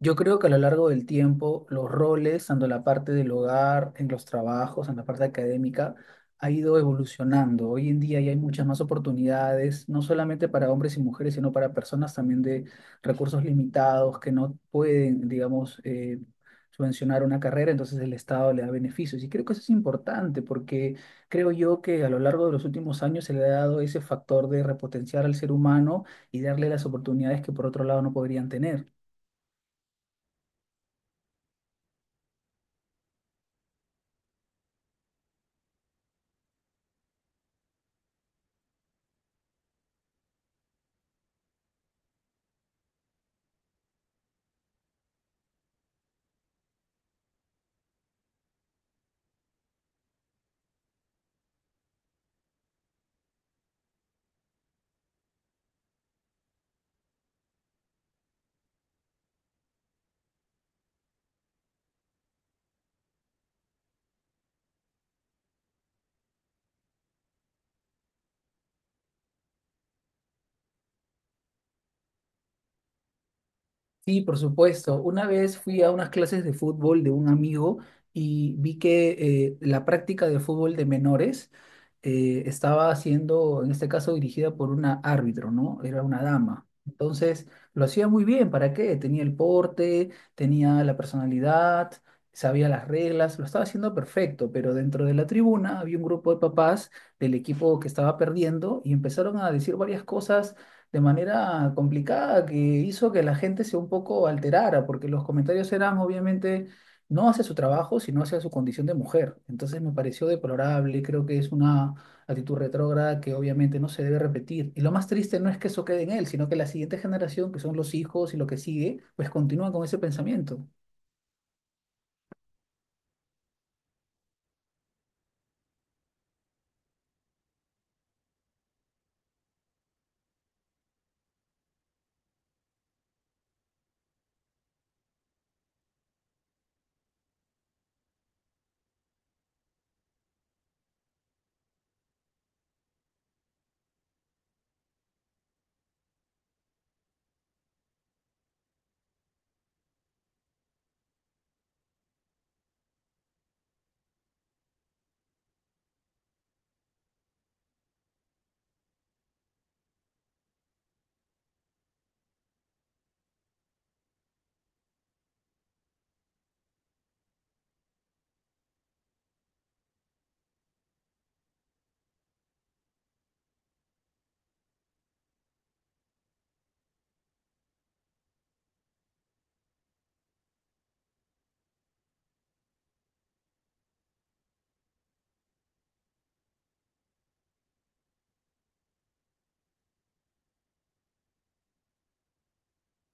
Yo creo que a lo largo del tiempo los roles, tanto en la parte del hogar, en los trabajos, en la parte académica, ha ido evolucionando. Hoy en día ya hay muchas más oportunidades, no solamente para hombres y mujeres, sino para personas también de recursos limitados que no pueden, digamos, subvencionar una carrera. Entonces el Estado le da beneficios. Y creo que eso es importante porque creo yo que a lo largo de los últimos años se le ha dado ese factor de repotenciar al ser humano y darle las oportunidades que por otro lado no podrían tener. Sí, por supuesto. Una vez fui a unas clases de fútbol de un amigo y vi que la práctica de fútbol de menores estaba siendo, en este caso, dirigida por una árbitro, ¿no? Era una dama. Entonces, lo hacía muy bien. ¿Para qué? Tenía el porte, tenía la personalidad, sabía las reglas, lo estaba haciendo perfecto, pero dentro de la tribuna había un grupo de papás del equipo que estaba perdiendo y empezaron a decir varias cosas de manera complicada que hizo que la gente se un poco alterara, porque los comentarios eran obviamente no hacia su trabajo, sino hacia su condición de mujer. Entonces me pareció deplorable, creo que es una actitud retrógrada que obviamente no se debe repetir. Y lo más triste no es que eso quede en él, sino que la siguiente generación, que son los hijos y lo que sigue, pues continúan con ese pensamiento.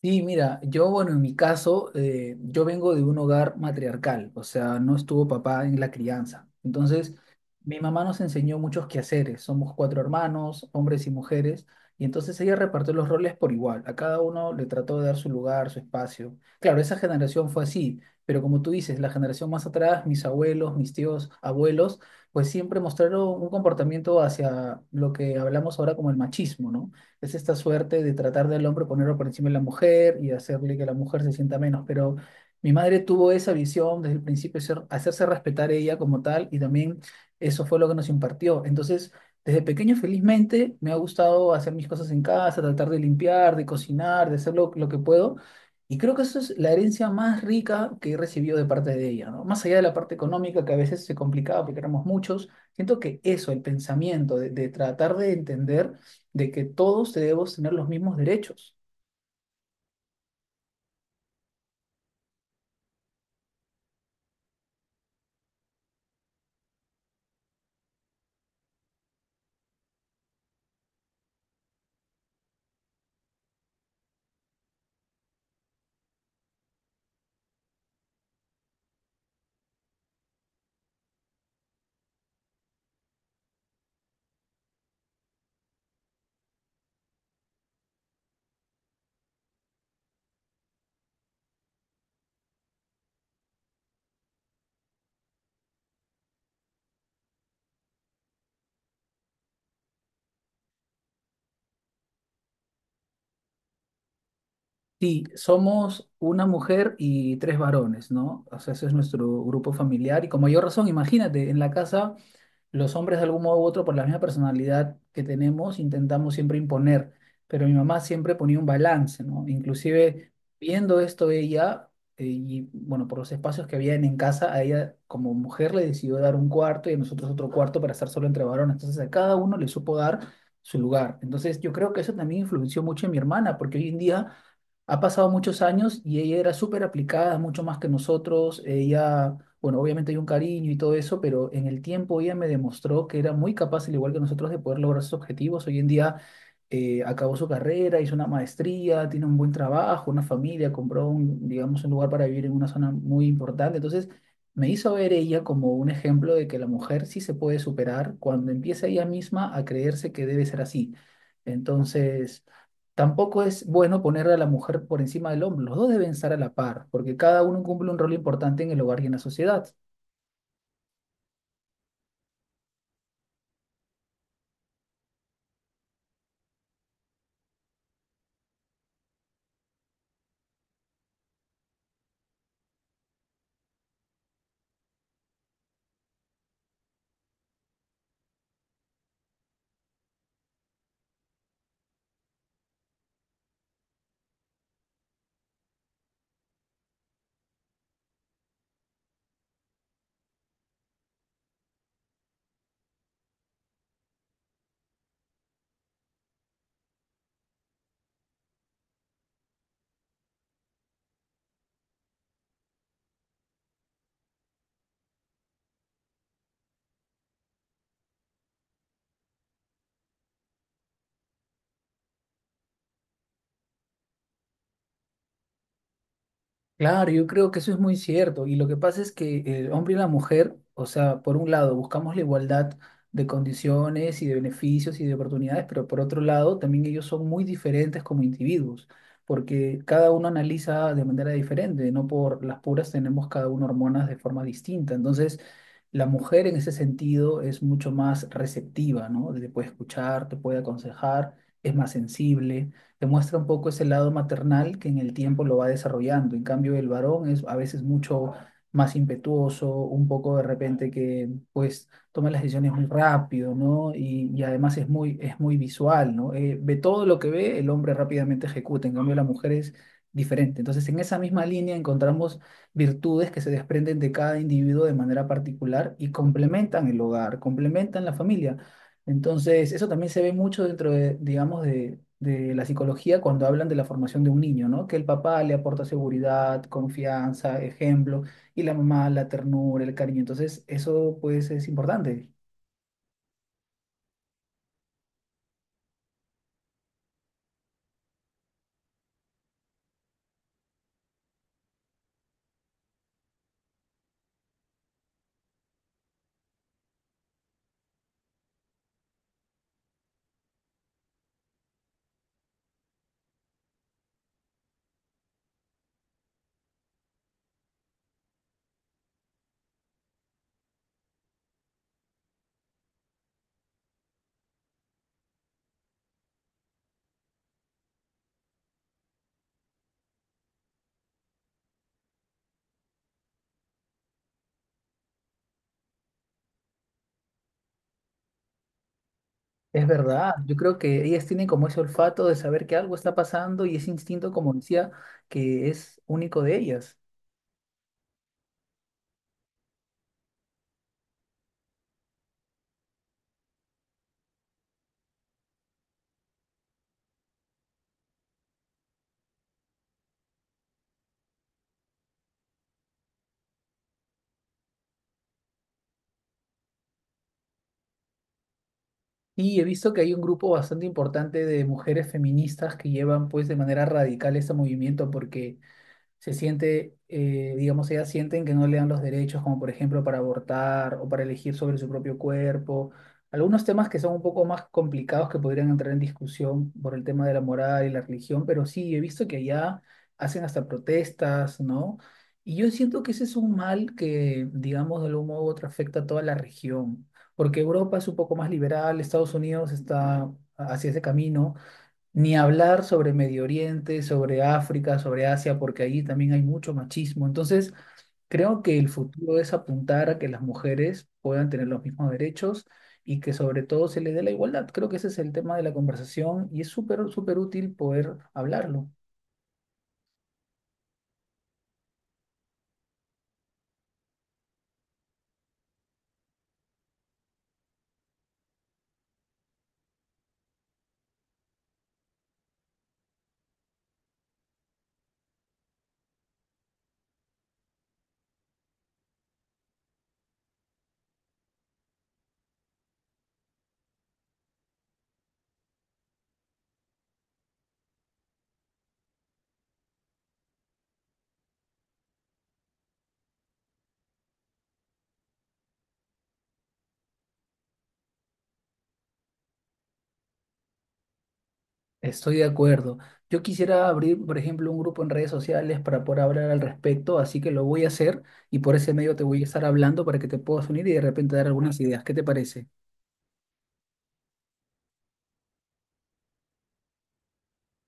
Sí, mira, yo, bueno, en mi caso, yo vengo de un hogar matriarcal, o sea, no estuvo papá en la crianza. Entonces, mi mamá nos enseñó muchos quehaceres. Somos cuatro hermanos, hombres y mujeres, y entonces ella repartió los roles por igual. A cada uno le trató de dar su lugar, su espacio. Claro, esa generación fue así, pero como tú dices, la generación más atrás, mis abuelos, mis tíos, abuelos, pues siempre mostraron un comportamiento hacia lo que hablamos ahora como el machismo, ¿no? Es esta suerte de tratar del hombre ponerlo por encima de la mujer y hacerle que la mujer se sienta menos. Pero mi madre tuvo esa visión desde el principio, hacerse respetar ella como tal, y también eso fue lo que nos impartió. Entonces, desde pequeño, felizmente, me ha gustado hacer mis cosas en casa, tratar de limpiar, de cocinar, de hacer lo que puedo. Y creo que eso es la herencia más rica que he recibido de parte de ella, ¿no? Más allá de la parte económica, que a veces se complicaba porque éramos muchos, siento que eso, el pensamiento de tratar de entender de que todos debemos tener los mismos derechos. Si somos una mujer y tres varones, ¿no? O sea, ese es nuestro grupo familiar. Y como mayor razón, imagínate, en la casa los hombres de algún modo u otro, por la misma personalidad que tenemos, intentamos siempre imponer, pero mi mamá siempre ponía un balance, ¿no? Inclusive viendo esto ella, y bueno, por los espacios que habían en casa, a ella como mujer le decidió dar un cuarto y a nosotros otro cuarto para estar solo entre varones, entonces a cada uno le supo dar su lugar. Entonces yo creo que eso también influenció mucho en mi hermana, porque hoy en día ha pasado muchos años y ella era súper aplicada, mucho más que nosotros. Ella, bueno, obviamente hay un cariño y todo eso, pero en el tiempo ella me demostró que era muy capaz, al igual que nosotros, de poder lograr sus objetivos. Hoy en día acabó su carrera, hizo una maestría, tiene un buen trabajo, una familia, compró un, digamos, un lugar para vivir en una zona muy importante. Entonces, me hizo ver ella como un ejemplo de que la mujer sí se puede superar cuando empieza ella misma a creerse que debe ser así. Entonces, tampoco es bueno poner a la mujer por encima del hombre. Los dos deben estar a la par, porque cada uno cumple un rol importante en el hogar y en la sociedad. Claro, yo creo que eso es muy cierto. Y lo que pasa es que el hombre y la mujer, o sea, por un lado buscamos la igualdad de condiciones y de beneficios y de oportunidades, pero por otro lado también ellos son muy diferentes como individuos, porque cada uno analiza de manera diferente, no por las puras tenemos cada uno hormonas de forma distinta. Entonces, la mujer en ese sentido es mucho más receptiva, ¿no? Te puede escuchar, te puede aconsejar, es más sensible, demuestra un poco ese lado maternal que en el tiempo lo va desarrollando. En cambio, el varón es a veces mucho más impetuoso, un poco de repente que pues toma las decisiones muy rápido, ¿no? Y además es es muy visual, ¿no? Ve todo lo que ve, el hombre rápidamente ejecuta, en cambio la mujer es diferente. Entonces, en esa misma línea encontramos virtudes que se desprenden de cada individuo de manera particular y complementan el hogar, complementan la familia. Entonces, eso también se ve mucho dentro digamos, de la psicología cuando hablan de la formación de un niño, ¿no? Que el papá le aporta seguridad, confianza, ejemplo, y la mamá la ternura, el cariño. Entonces, eso pues es importante. Es verdad, yo creo que ellas tienen como ese olfato de saber que algo está pasando y ese instinto, como decía, que es único de ellas. Y he visto que hay un grupo bastante importante de mujeres feministas que llevan pues de manera radical este movimiento porque se siente, digamos, ellas sienten que no le dan los derechos, como por ejemplo para abortar o para elegir sobre su propio cuerpo. Algunos temas que son un poco más complicados que podrían entrar en discusión por el tema de la moral y la religión, pero sí, he visto que allá hacen hasta protestas, ¿no? Y yo siento que ese es un mal que, digamos, de algún modo u otro afecta a toda la región, porque Europa es un poco más liberal, Estados Unidos está hacia ese camino, ni hablar sobre Medio Oriente, sobre África, sobre Asia, porque allí también hay mucho machismo. Entonces, creo que el futuro es apuntar a que las mujeres puedan tener los mismos derechos y que sobre todo se les dé la igualdad. Creo que ese es el tema de la conversación y es súper, súper útil poder hablarlo. Estoy de acuerdo. Yo quisiera abrir, por ejemplo, un grupo en redes sociales para poder hablar al respecto, así que lo voy a hacer y por ese medio te voy a estar hablando para que te puedas unir y de repente dar algunas ideas. ¿Qué te parece?